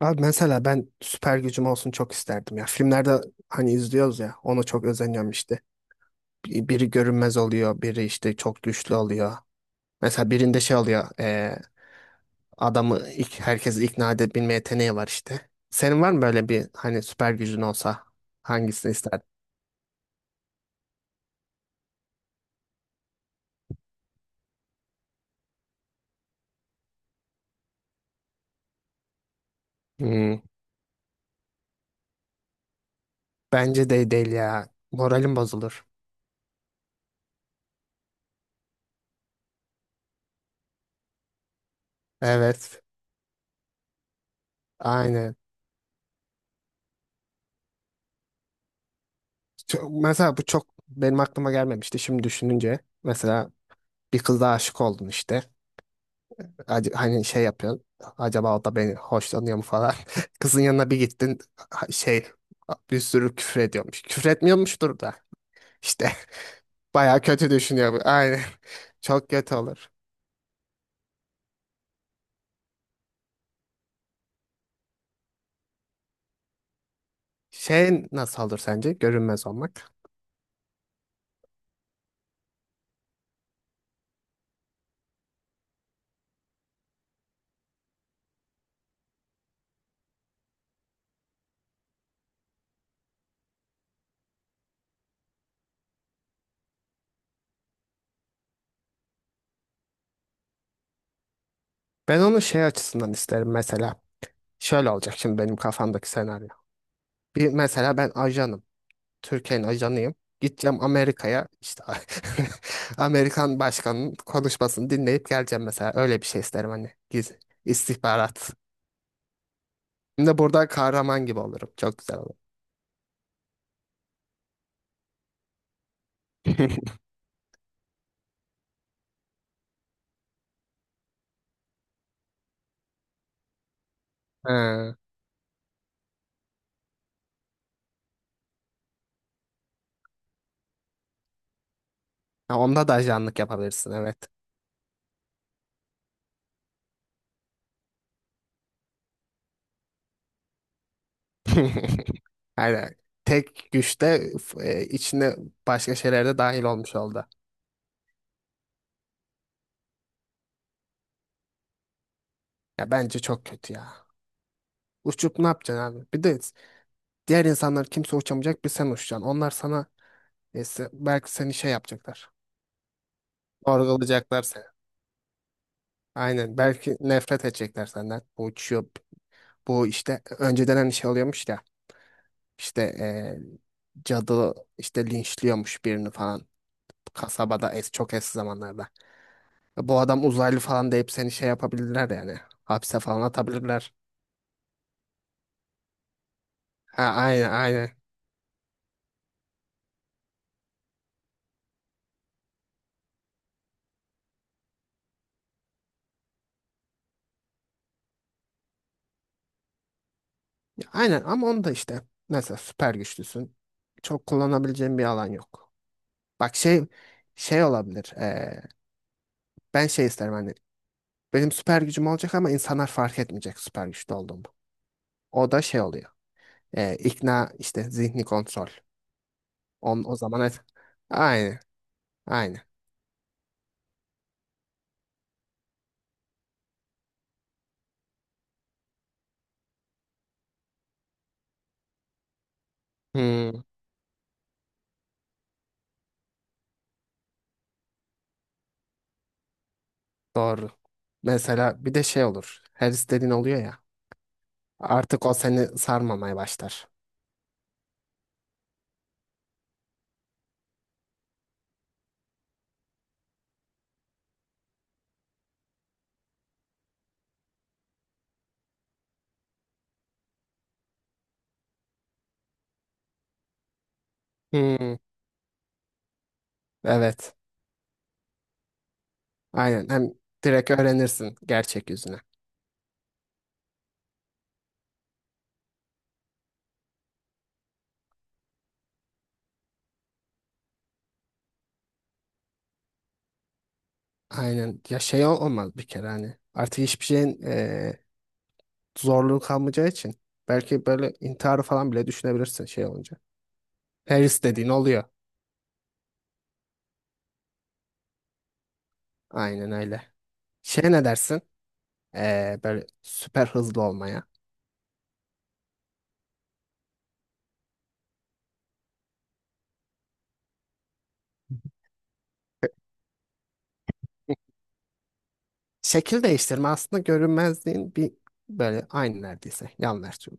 Abi mesela ben süper gücüm olsun çok isterdim ya. Filmlerde hani izliyoruz ya ona çok özeniyorum işte. Biri görünmez oluyor, biri işte çok güçlü oluyor. Mesela birinde şey oluyor adamı ilk, herkesi ikna edebilme yeteneği var işte. Senin var mı böyle bir hani süper gücün olsa hangisini isterdin? Hmm, bence de değil ya. Moralim bozulur. Evet, aynen. Mesela bu çok benim aklıma gelmemişti şimdi düşününce. Mesela bir kıza aşık oldun işte. Hani şey yapıyorsun. Acaba o da beni hoşlanıyor mu falan. Kızın yanına bir gittin şey bir sürü küfür ediyormuş. Küfür etmiyormuştur da. İşte bayağı kötü düşünüyor bu. Aynen. Çok kötü olur. Şey nasıl olur sence? Görünmez olmak. Ben onu şey açısından isterim mesela. Şöyle olacak şimdi benim kafamdaki senaryo. Bir mesela ben ajanım. Türkiye'nin ajanıyım. Gideceğim Amerika'ya işte. Amerikan başkanının konuşmasını dinleyip geleceğim mesela. Öyle bir şey isterim hani. Gizli istihbarat. Hem de burada kahraman gibi olurum. Çok güzel olur. Ha, ha, onda da ajanlık yapabilirsin evet. Aynen. Tek güçte içine başka şeyler de dahil olmuş oldu. Ya bence çok kötü ya. Uçup ne yapacaksın abi? Bir de diğer insanlar kimse uçamayacak bir sen uçacaksın. Onlar sana neyse belki seni şey yapacaklar. Sorgulayacaklar seni. Aynen. Belki nefret edecekler senden. Bu uçuyor, bu işte önceden hani şey oluyormuş ya. İşte cadı işte linçliyormuş birini falan. Kasabada çok eski zamanlarda. E, bu adam uzaylı falan deyip seni şey yapabilirler yani. Hapse falan atabilirler. Ha, aynen aynen. Aynen ama onu da işte. Mesela süper güçlüsün. Çok kullanabileceğin bir alan yok. Bak şey şey olabilir. Ben şey isterim hani. Benim süper gücüm olacak ama insanlar fark etmeyecek süper güçlü olduğumu. O da şey oluyor. E, ikna işte zihni kontrol. On, o zaman et. Aynı. Aynı. Hmm, doğru. Mesela bir de şey olur. Her istediğin oluyor ya. Artık o seni sarmamaya başlar. Hmm, evet. Aynen. Hem direkt öğrenirsin gerçek yüzünü. Aynen. Ya şey olmaz bir kere hani. Artık hiçbir şeyin zorluğu kalmayacağı için. Belki böyle intiharı falan bile düşünebilirsin şey olunca. Her istediğin oluyor. Aynen öyle. Şey ne dersin? Böyle süper hızlı olmaya. Şekil değiştirme aslında görünmezliğin bir böyle aynı neredeyse. Yan versiyonu.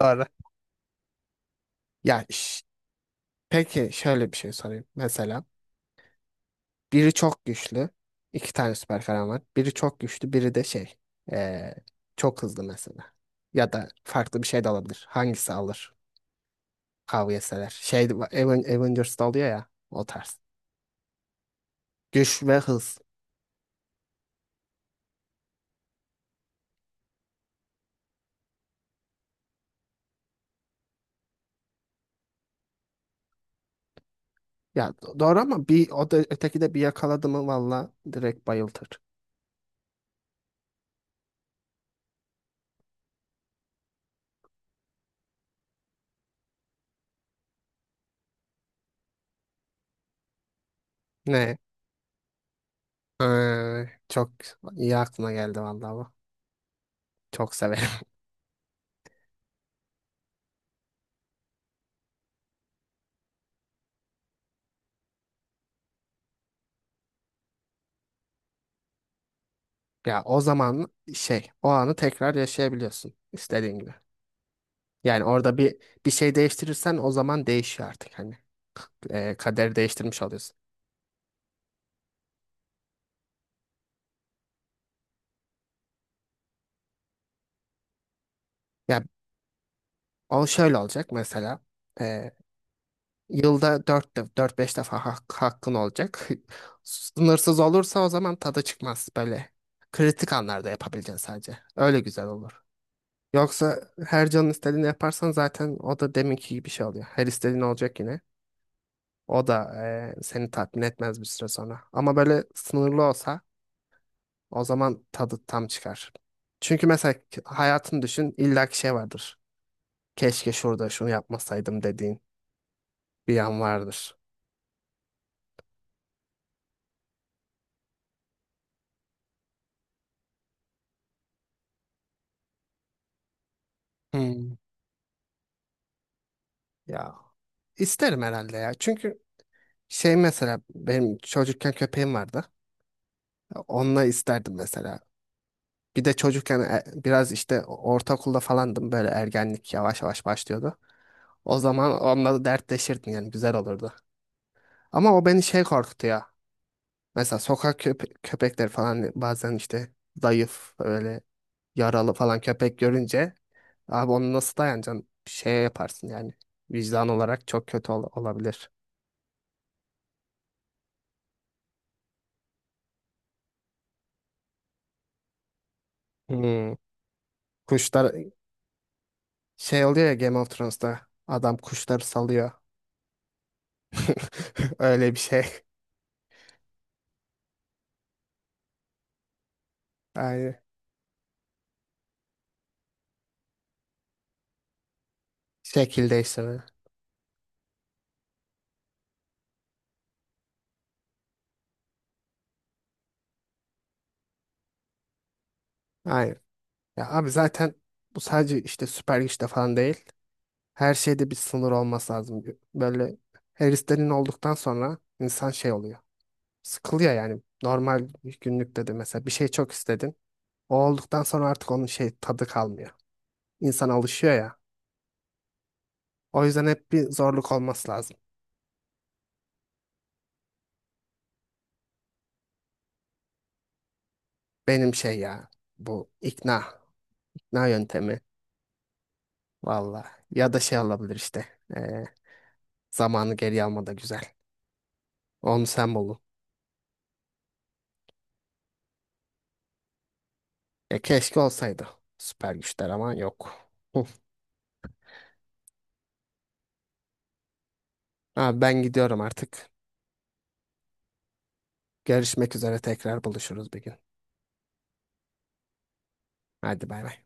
Doğru. Ya ş- peki şöyle bir şey sorayım. Mesela biri çok güçlü. İki tane süper kahraman var. Biri çok güçlü, biri de şey ee, çok hızlı mesela. Ya da farklı bir şey de alabilir. Hangisi alır? Kavga etseler. Şey, Avengers'da oluyor ya o tarz. Güç ve hız. Ya doğru ama bir o da öteki de bir yakaladı mı valla direkt bayıltır. Ne? Çok iyi aklına geldi valla bu. Çok severim. Ya o zaman şey o anı tekrar yaşayabiliyorsun istediğin gibi. Yani orada bir şey değiştirirsen o zaman değişiyor artık hani. Kaderi değiştirmiş oluyorsun. Ya o şöyle olacak mesela. Ee, Yılda 4 dört beş defa hakkın olacak. Sınırsız olursa o zaman tadı çıkmaz böyle. Kritik anlarda yapabileceksin sadece. Öyle güzel olur. Yoksa her canın istediğini yaparsan zaten o da deminki gibi bir şey oluyor. Her istediğin olacak yine. O da seni tatmin etmez bir süre sonra. Ama böyle sınırlı olsa o zaman tadı tam çıkar. Çünkü mesela hayatını düşün illaki şey vardır. Keşke şurada şunu yapmasaydım dediğin bir an vardır. Hmm. Ya İsterim herhalde ya. Çünkü şey mesela benim çocukken köpeğim vardı. Onunla isterdim mesela. Bir de çocukken biraz işte ortaokulda falandım böyle ergenlik yavaş yavaş başlıyordu. O zaman onunla da dertleşirdim yani güzel olurdu. Ama o beni şey korkutuyor. Mesela sokak köpekleri falan bazen işte zayıf öyle yaralı falan köpek görünce abi onu nasıl dayanacaksın? Şeye yaparsın yani vicdan olarak çok kötü olabilir. Hmm. Kuşlar şey oluyor ya, Game of Thrones'ta adam kuşları salıyor. Öyle bir şey. Aynen. Şekil değiştirme. Aynen. Ya abi zaten bu sadece işte süper güçte falan değil. Her şeyde bir sınır olması lazım. Böyle heriflerin olduktan sonra insan şey oluyor. Sıkılıyor yani. Normal günlükte de mesela bir şey çok istedin. O olduktan sonra artık onun şey tadı kalmıyor. İnsan alışıyor ya. O yüzden hep bir zorluk olması lazım. Benim şey ya, bu ikna yöntemi. Valla. Ya da şey alabilir işte. Ee, zamanı geri alma da güzel. Onu sen bulun. E, keşke olsaydı. Süper güçler ama yok. Hı. Abi ben gidiyorum artık. Görüşmek üzere tekrar buluşuruz bir gün. Hadi bay bay.